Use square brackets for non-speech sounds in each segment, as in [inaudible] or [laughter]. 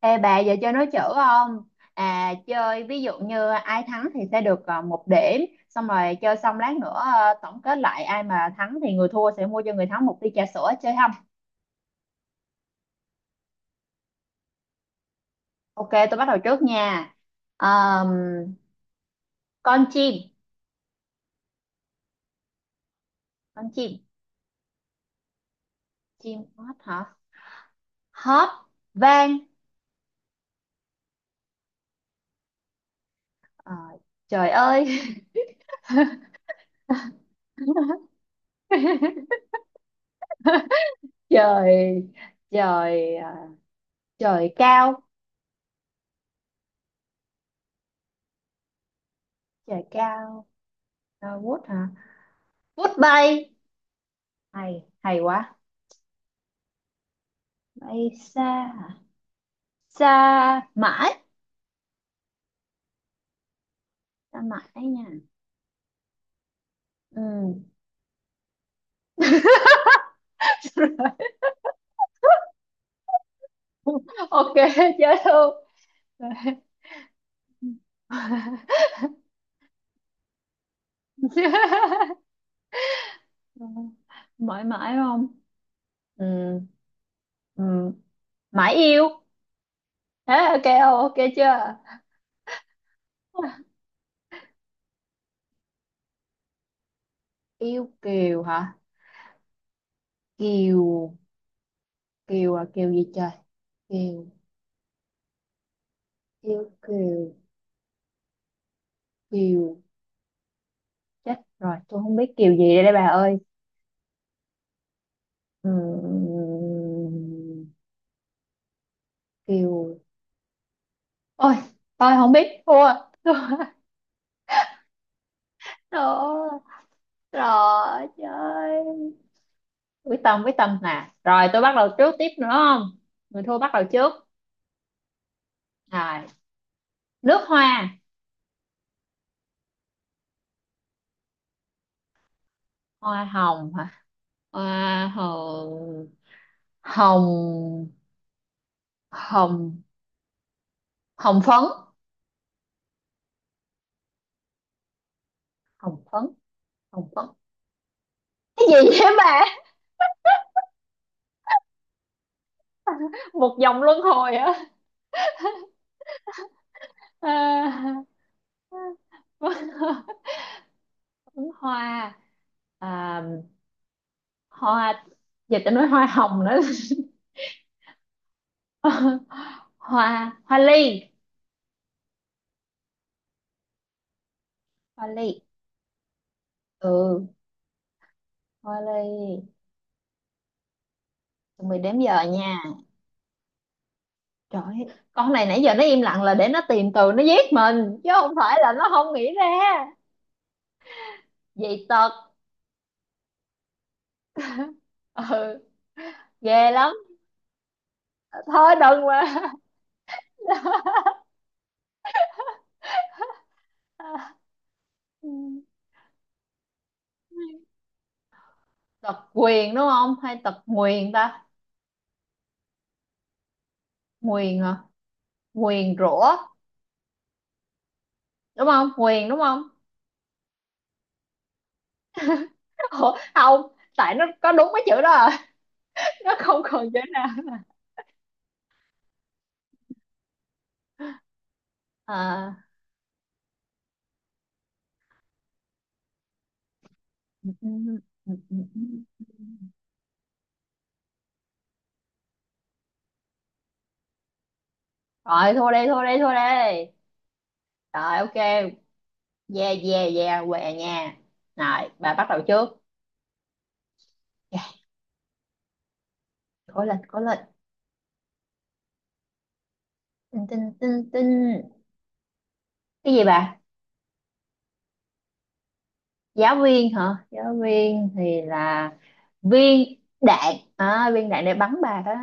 Ê bà giờ chơi nói chữ không? À chơi ví dụ như ai thắng thì sẽ được một điểm. Xong rồi chơi xong lát nữa tổng kết lại ai mà thắng thì người thua sẽ mua cho người thắng một ly trà sữa, chơi không? Ok, tôi bắt đầu trước nha. Ờm, Con chim. Con chim. Chim hót hả? Hót vang. Ờ, Trời ơi. [laughs] Trời. Trời ờ, Trời cao. Trời cao. Vút hả? Vút bay. Hay hay quá. Bay xa hả? Xa mãi. Xa mãi nha. Ừ. [laughs] Ok, chết luôn. [laughs] Mãi mãi không? Ừ. Ừ. Mãi yêu. Thế ok không, ok chưa? Yêu kiều hả? Kiều. Kiều à, kiều gì trời? Kiều. Yêu kiều. Kiều. Chết rồi, tôi không biết kiều gì đây, bà ơi. Ừ, kiều. Ôi, tôi không biết, thua. Thua. [laughs] Thua. Rồi chơi. Quyết tâm quyết tâm nè, rồi tôi bắt đầu trước tiếp nữa không? Người thua bắt đầu trước. Rồi. Nước hoa. Hoa hồng hả? Hoa hồng. Hồng. Hồng. Hồng phấn. Hồng phấn. Hồng phấn. Cái gì vậy bà? Một vòng luân hồi hả? À, [laughs] phấn hoa. À, hoa. Giờ ta nói hoa hồng nữa. [laughs] [laughs] hoa hoa ly. Hoa ly. Ừ. Hoa ly. Tụi mình đếm giờ nha. Trời ơi, con này nãy giờ nó im lặng là để nó tìm từ nó giết mình, chứ không phải là nó không nghĩ ra. Dị tật. Ừ. Ghê lắm. Thôi đừng mà. [laughs] Ừ. Tật quyền đúng không hay tật nguyền ta? Nguyền hả? Nguyền rủa. Đúng không? Nguyền đúng không? Ủa, không, tại nó có đúng cái chữ đó à. [laughs] Nó không còn chữ nào. À. Rồi. Thua đi, thua đi, thua đi. Rồi ok. Yeah, yeah, yeah, què nha. Rồi bà bắt đầu trước. Yeah. Cố lên, cố lên. Tinh, tinh, tinh, tinh. Cái gì bà? Giáo viên hả? Giáo viên thì là viên đạn à? Viên đạn để bắn bà đó.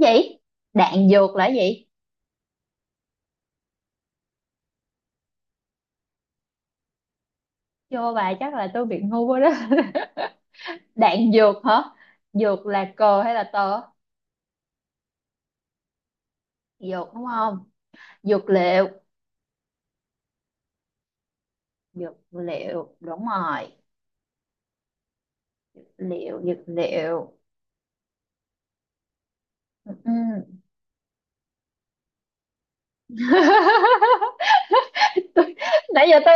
Cái gì? Đạn dược là cái gì? Vô bà, chắc là tôi bị ngu quá đó. [laughs] Đạn dược hả? Dược là cờ hay là tờ? Dược đúng không? Dược liệu. Dược liệu đúng rồi. Liệu dược liệu. Ừ. [laughs] Tôi- nãy giờ tôi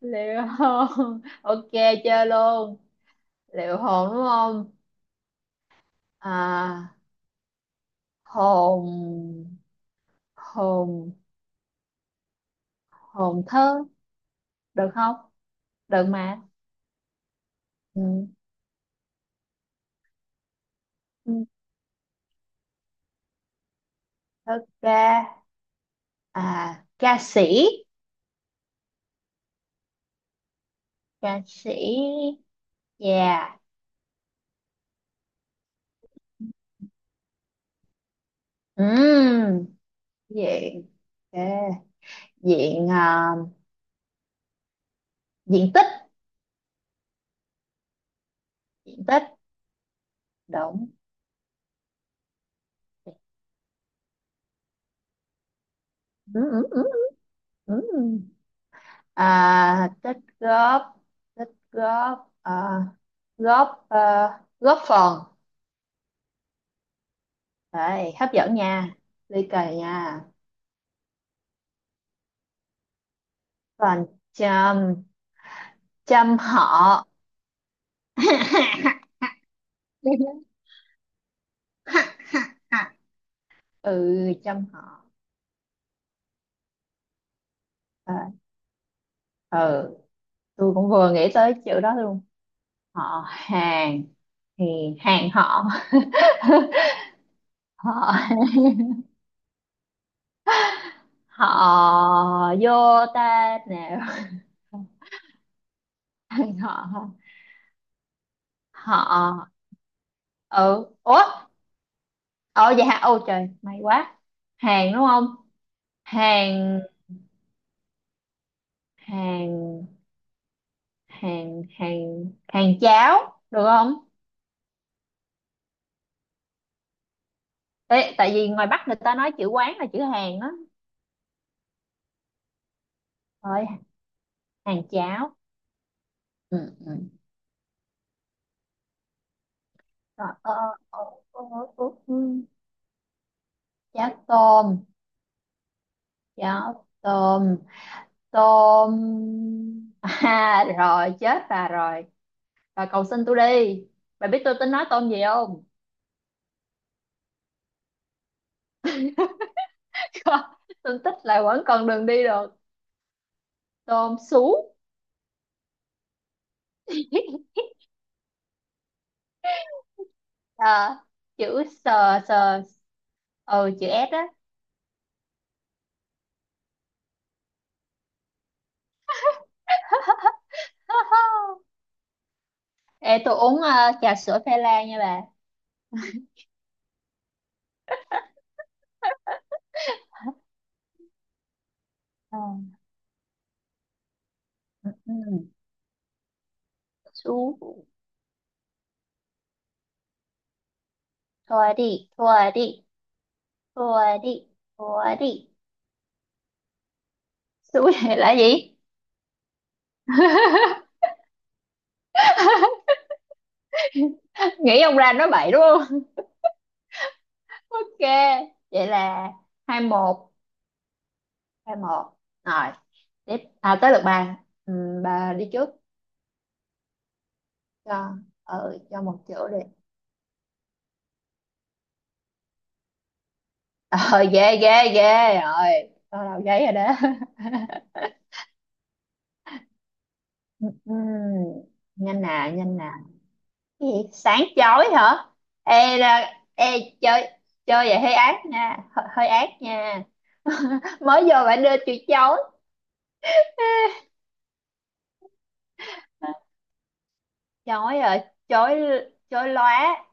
liệu hồn, ok. Chơi luôn. Liệu hồn đúng không? À, hồn. Hồn. Hồn thơ, được không? Được mà. Ừ. Ừ. Thơ ca. À, ca sĩ. Ca sĩ. Yeah. Ừ. Diện. Ok. Diện à, diện tích. Tích động. Ừ, ừ, ừ. Ừ. À, tích góp. Tích góp à, góp à, góp phần. Đấy, hấp dẫn nha. Ly kỳ nha. Còn. Chăm. Chăm họ. [laughs] Ừ. Chăm họ. À, ừ, tôi cũng vừa nghĩ tới chữ đó luôn. Họ hàng. Thì hàng họ. [laughs] Họ. [laughs] Họ vô ta nào. [laughs] Anh họ. Họ. Ừ, ủa. Ờ vậy hả, ô trời may quá. Hàng đúng không? Hàng. Hàng. Hàng cháo được không? Ê, tại vì ngoài Bắc người ta nói chữ quán là chữ hàng đó. Rồi hàng cháo. Ừ. Ừ. Ờ, ờ, ờ, ờ, ờ, ừ. Cháo tôm. Cháo tôm. Tôm. [laughs] À rồi chết, à rồi. Và cầu xin tôi đi. Bà biết tôi tính nói tôm gì không? [laughs] Tôi thích là vẫn còn đường đi được. Tôm sú. [laughs] À, chữ sờ sờ. Ừ, chữ S á. [laughs] Ê, tôi uống trà sữa phê la nha bà. Ờ. Ừ. Ừ. Sú. Thua đi. Thua đi. Thua đi. Thua đi. Sú [laughs] này là gì? [laughs] Nghĩ ông ra nói bậy đúng không? [laughs] Ok. Vậy là 2-1. 2-1 rồi. Tiếp à, tới lượt bà. Bà đi trước. Cho ờ cho một chỗ đi. Ờ Ghê ghê ghê rồi, tôi đầu giấy rồi đó. [laughs] Ừm, Nhanh nè, nhanh nè. Cái gì sáng chói hả? Ê ra ê. Chơi. Chơi vậy hơi ác nha, hơi ác nha. [laughs] Mới vô bạn đưa chữ chói. Chói rồi. Chói. Chói lóa.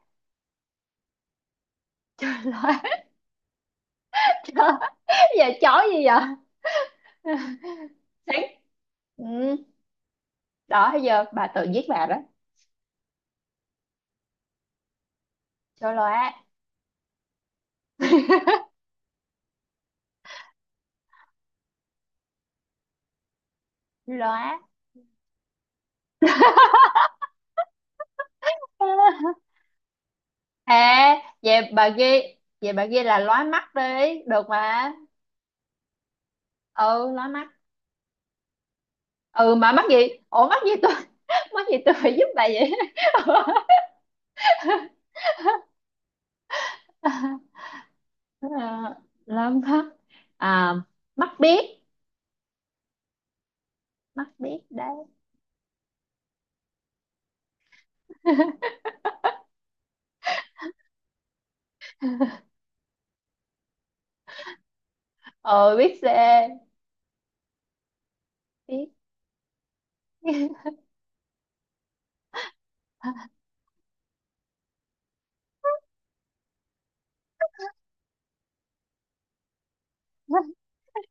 [laughs] Lóa. Trời, giờ chói gì vậy? [laughs] Sáng. Ừ, đó giờ bà tự giết bà đó. Chói lóa. Lóa. [laughs] à, vậy bà ghi. Vậy bà ghi là lóa mắt đi, được mà. Ừ, lóa mắt. Ừ mà mắc gì? Ủa mắc gì tôi? [laughs] Mắc gì tôi phải giúp bà vậy? [laughs] Ờ, lóa mắt. À, mắt biết. Mắt biết đấy. [laughs] Ừ, biết xe. Biết. [laughs]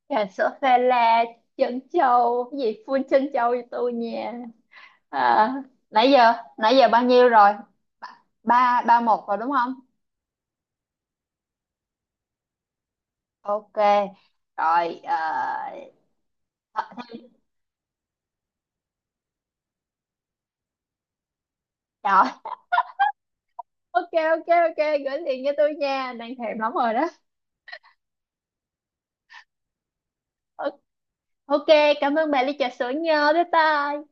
Trà sữa pha la trân châu cái gì full trân châu cho tôi nha. À, nãy giờ bao nhiêu rồi? Ba ba một rồi đúng. Ok. Rồi ờ, rồi. Ok, ok, ok. Gửi liền cho tôi nha, đang thèm lắm rồi đó. Ờ, ok. Cảm ơn bà ly trà sữa nhớ, bye bye.